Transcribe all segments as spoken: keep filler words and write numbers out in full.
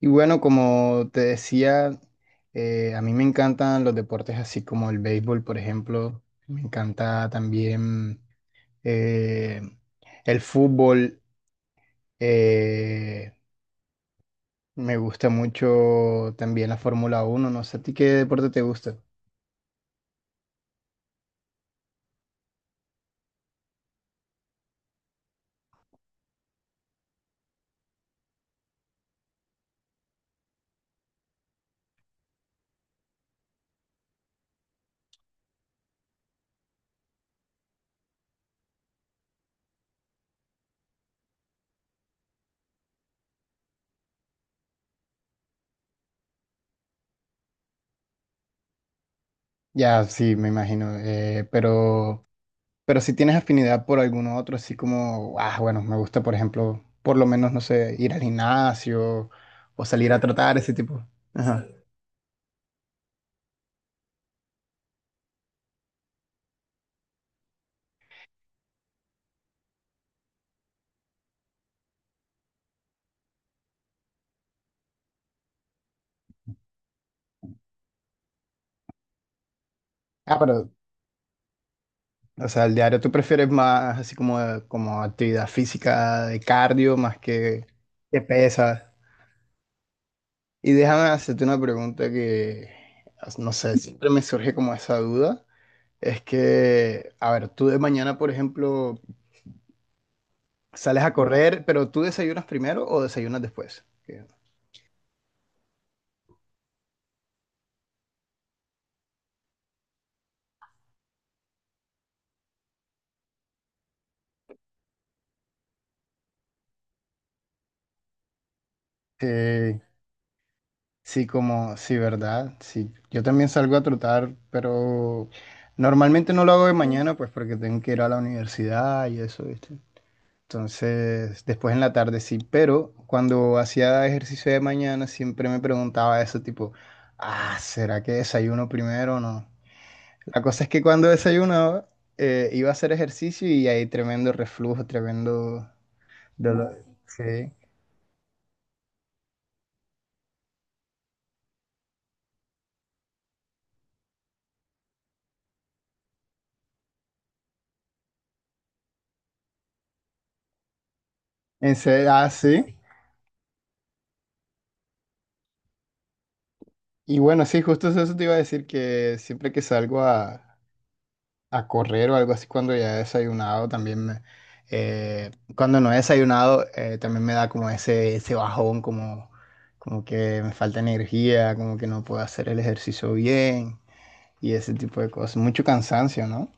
Y bueno, como te decía, eh, a mí me encantan los deportes así como el béisbol, por ejemplo. Me encanta también eh, el fútbol. eh, Me gusta mucho también la Fórmula uno. No sé a ti qué deporte te gusta. Ya, sí, me imagino. Eh, pero, pero si tienes afinidad por alguno otro, así como, ah, bueno, me gusta, por ejemplo, por lo menos, no sé, ir al gimnasio o salir a tratar ese tipo. Ajá. Ah, pero O sea, el diario tú prefieres más así como, como actividad física de cardio más que, que pesas. Y déjame hacerte una pregunta que, no sé, siempre me surge como esa duda. Es que, a ver, tú de mañana, por ejemplo, sales a correr, pero ¿tú desayunas primero o desayunas después? Que- que sí, como, sí, ¿verdad? Sí, yo también salgo a trotar, pero normalmente no lo hago de mañana, pues porque tengo que ir a la universidad y eso, ¿viste? Entonces, después en la tarde sí, pero cuando hacía ejercicio de mañana siempre me preguntaba eso tipo, ah, ¿será que desayuno primero o no? La cosa es que cuando desayunaba eh, iba a hacer ejercicio y hay tremendo reflujo, tremendo dolor. Sí. En serio, ah, sí. Y bueno, sí, justo eso te iba a decir que siempre que salgo a, a correr o algo así cuando ya he desayunado, también me, eh, cuando no he desayunado eh, también me da como ese, ese bajón, como, como que me falta energía, como que no puedo hacer el ejercicio bien y ese tipo de cosas. Mucho cansancio, ¿no?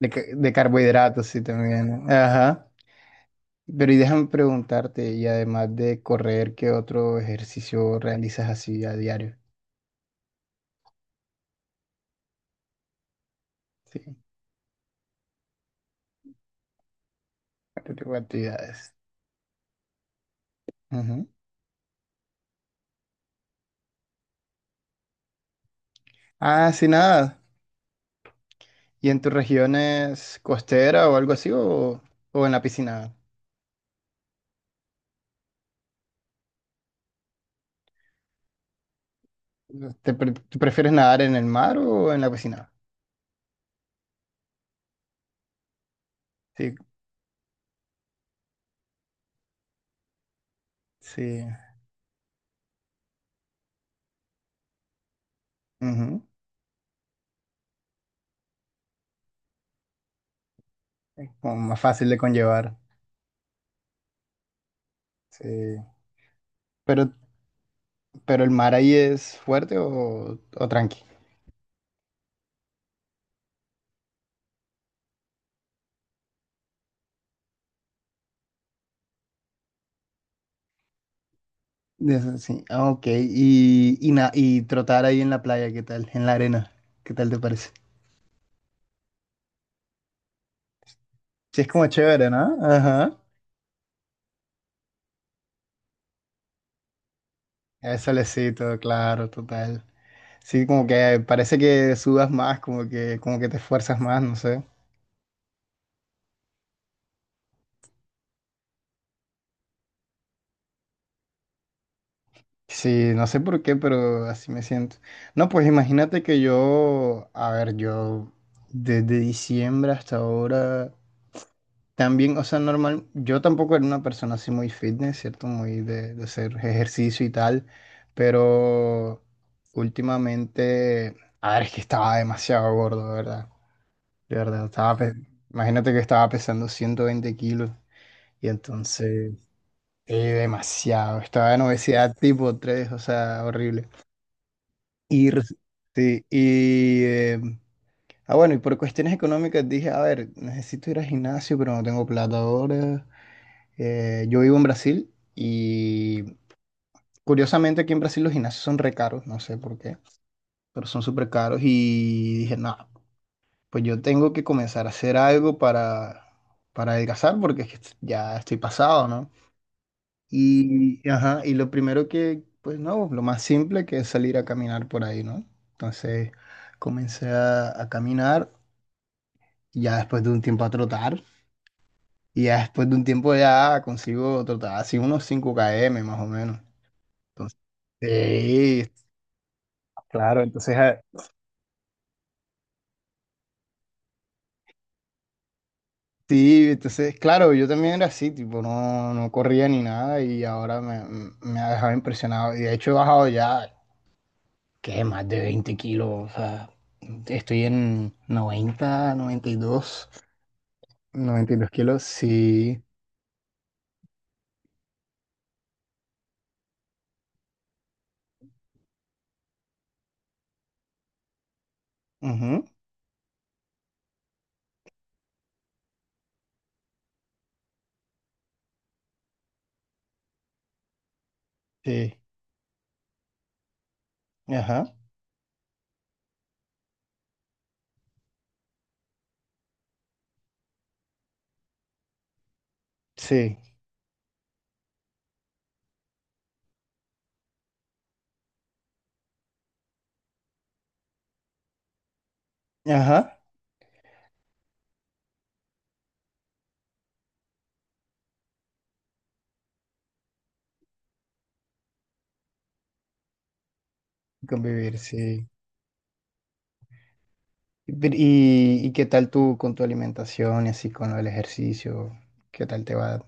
De, ca- de carbohidratos, sí, también. Ajá. Pero y déjame preguntarte, y además de correr, ¿qué otro ejercicio realizas así a diario? Sí, ¿qué tipo de actividades? Ujú. Ah, sí, nada. ¿Y en tus regiones costera o algo así o, o en la piscina? ¿Te pre- tú prefieres nadar en el mar o en la piscina? Sí, sí. Ujú. Como más fácil de conllevar. Sí. Pero, pero el mar ahí es fuerte o, o tranqui. Eso sí, ah, ok. Y, y, na- y trotar ahí en la playa, ¿qué tal? En la arena, ¿qué tal te parece? Sí, es como chévere, ¿no? Ajá. Es solecito, claro, total. Sí, como que parece que sudas más, como que, como que te esfuerzas más, no sé. Sí, no sé por qué, pero así me siento. No, pues imagínate que yo, a ver, yo desde diciembre hasta ahora, también, o sea, normal, yo tampoco era una persona así muy fitness, ¿cierto? Muy de, de hacer ejercicio y tal, pero últimamente, a ver, es que estaba demasiado gordo, de ¿verdad? De verdad, estaba, pe- imagínate que estaba pesando ciento veinte kilos y entonces... Sí, demasiado. Estaba en obesidad tipo tres, o sea, horrible. Y, res- sí, y eh, ah, bueno, y por cuestiones económicas dije, a ver, necesito ir al gimnasio, pero no tengo plata ahora. Eh, yo vivo en Brasil y curiosamente aquí en Brasil los gimnasios son re caros, no sé por qué, pero son súper caros. Y dije, no, pues yo tengo que comenzar a hacer algo para, para adelgazar porque es que ya estoy pasado, ¿no? Y, ajá, y lo primero que, pues no, lo más simple que es salir a caminar por ahí, ¿no? Entonces comencé a, a caminar, y ya después de un tiempo a trotar, y ya después de un tiempo ya consigo trotar así unos cinco kilómetros más o menos. Entonces, sí, claro, entonces, ah, sí, entonces, claro, yo también era así, tipo, no, no corría ni nada y ahora me, me ha dejado impresionado. Y de hecho he bajado ya. Que más de veinte kilos, o sea, estoy en noventa, noventa y dos, noventa y dos kilos, sí, ujú, sí, ajá, sí, ajá, convivir, sí. Pero, ¿Y, y qué tal tú con tu alimentación y así con el ejercicio? ¿Qué tal te va a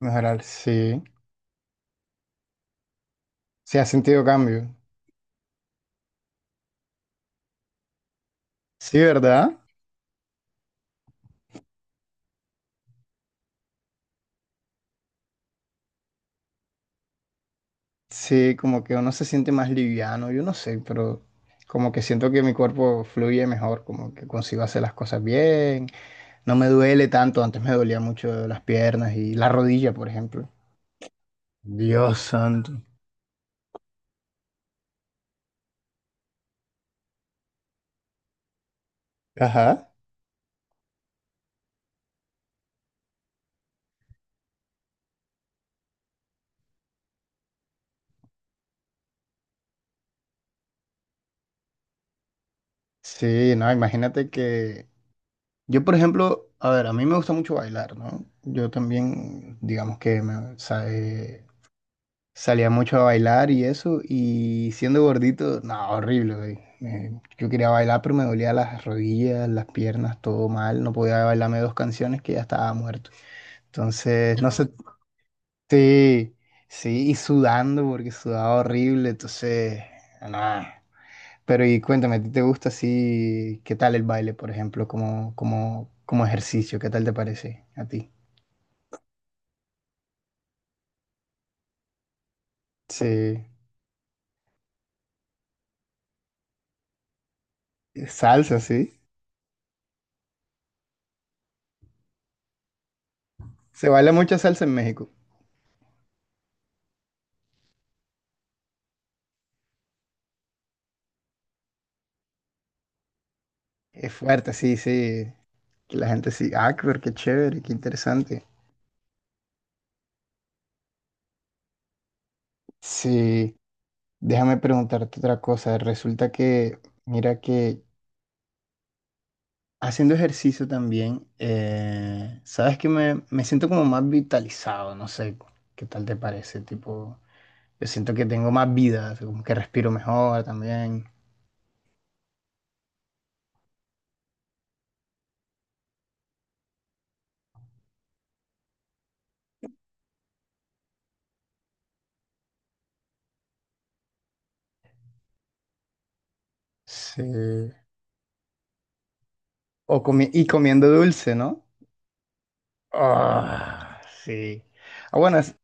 mejorar? Sí, sí, has sentido cambio. Sí, ¿verdad? Sí, como que uno se siente más liviano, yo no sé, pero como que siento que mi cuerpo fluye mejor, como que consigo hacer las cosas bien. No me duele tanto, antes me dolía mucho las piernas y la rodilla, por ejemplo. Dios santo. Ajá. Sí, no, imagínate que yo, por ejemplo, a ver, a mí me gusta mucho bailar, ¿no? Yo también, digamos que me, sa- eh, salía mucho a bailar y eso, y siendo gordito, no, horrible, güey. Me- yo quería bailar, pero me dolía las rodillas, las piernas, todo mal, no podía bailarme dos canciones que ya estaba muerto. Entonces, no sé, sí, sí, y sudando porque sudaba horrible, entonces, nada. Pero y cuéntame, ¿a ti te gusta así? ¿Qué tal el baile, por ejemplo, como, como, como ejercicio? ¿Qué tal te parece a ti? Sí, salsa, sí. Se baila mucha salsa en México. Es fuerte, sí, sí. Que la gente sí, ah, pero qué chévere, qué interesante. Sí, déjame preguntarte otra cosa. Resulta que, mira que haciendo ejercicio también, eh, sabes que me, me siento como más vitalizado, no sé qué tal te parece, tipo, yo siento que tengo más vida, así como que respiro mejor también, sí. O comi- y comiendo dulce, ¿no? Ah, sí. Ah, bueno, es-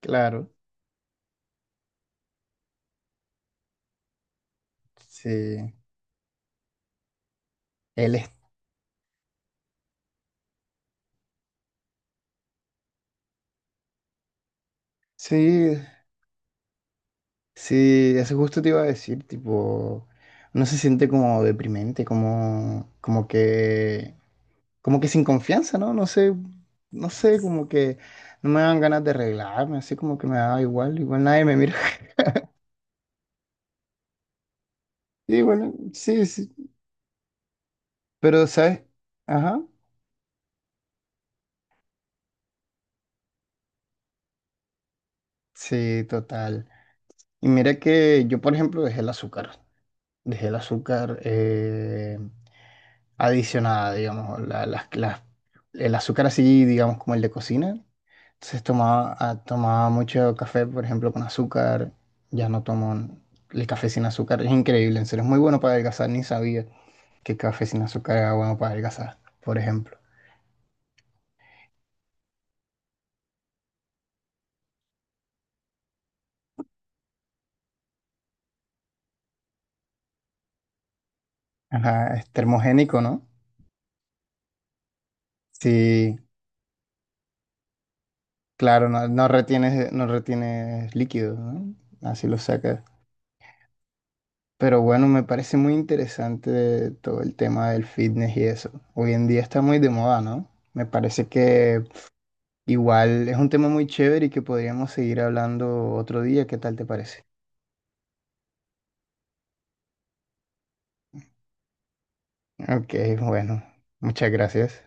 claro, sí. Él es, sí, sí, eso justo te iba a decir, tipo, no se siente como deprimente, como, como que como que sin confianza, ¿no? No sé, no sé, como que no me dan ganas de arreglarme, así como que me da igual, igual nadie me mira. Sí, bueno, sí, sí, pero, ¿sabes? Ajá, sí, total. Y mira que yo, por ejemplo, dejé el azúcar, dejé el azúcar eh, adicionada, digamos, la- las, las- el azúcar así, digamos, como el de cocina. Entonces tomaba, ah, tomaba mucho café, por ejemplo, con azúcar. Ya no tomo el café sin azúcar. Es increíble, en serio. Es muy bueno para adelgazar. Ni sabía que el café sin azúcar era bueno para adelgazar, por ejemplo. Ajá, es termogénico, ¿no? Sí, claro, no, no retienes, no retienes líquidos, ¿no? Así lo sacas. Pero bueno, me parece muy interesante todo el tema del fitness y eso. Hoy en día está muy de moda, ¿no? Me parece que igual es un tema muy chévere y que podríamos seguir hablando otro día. ¿Qué tal te parece? Ok, bueno, muchas gracias.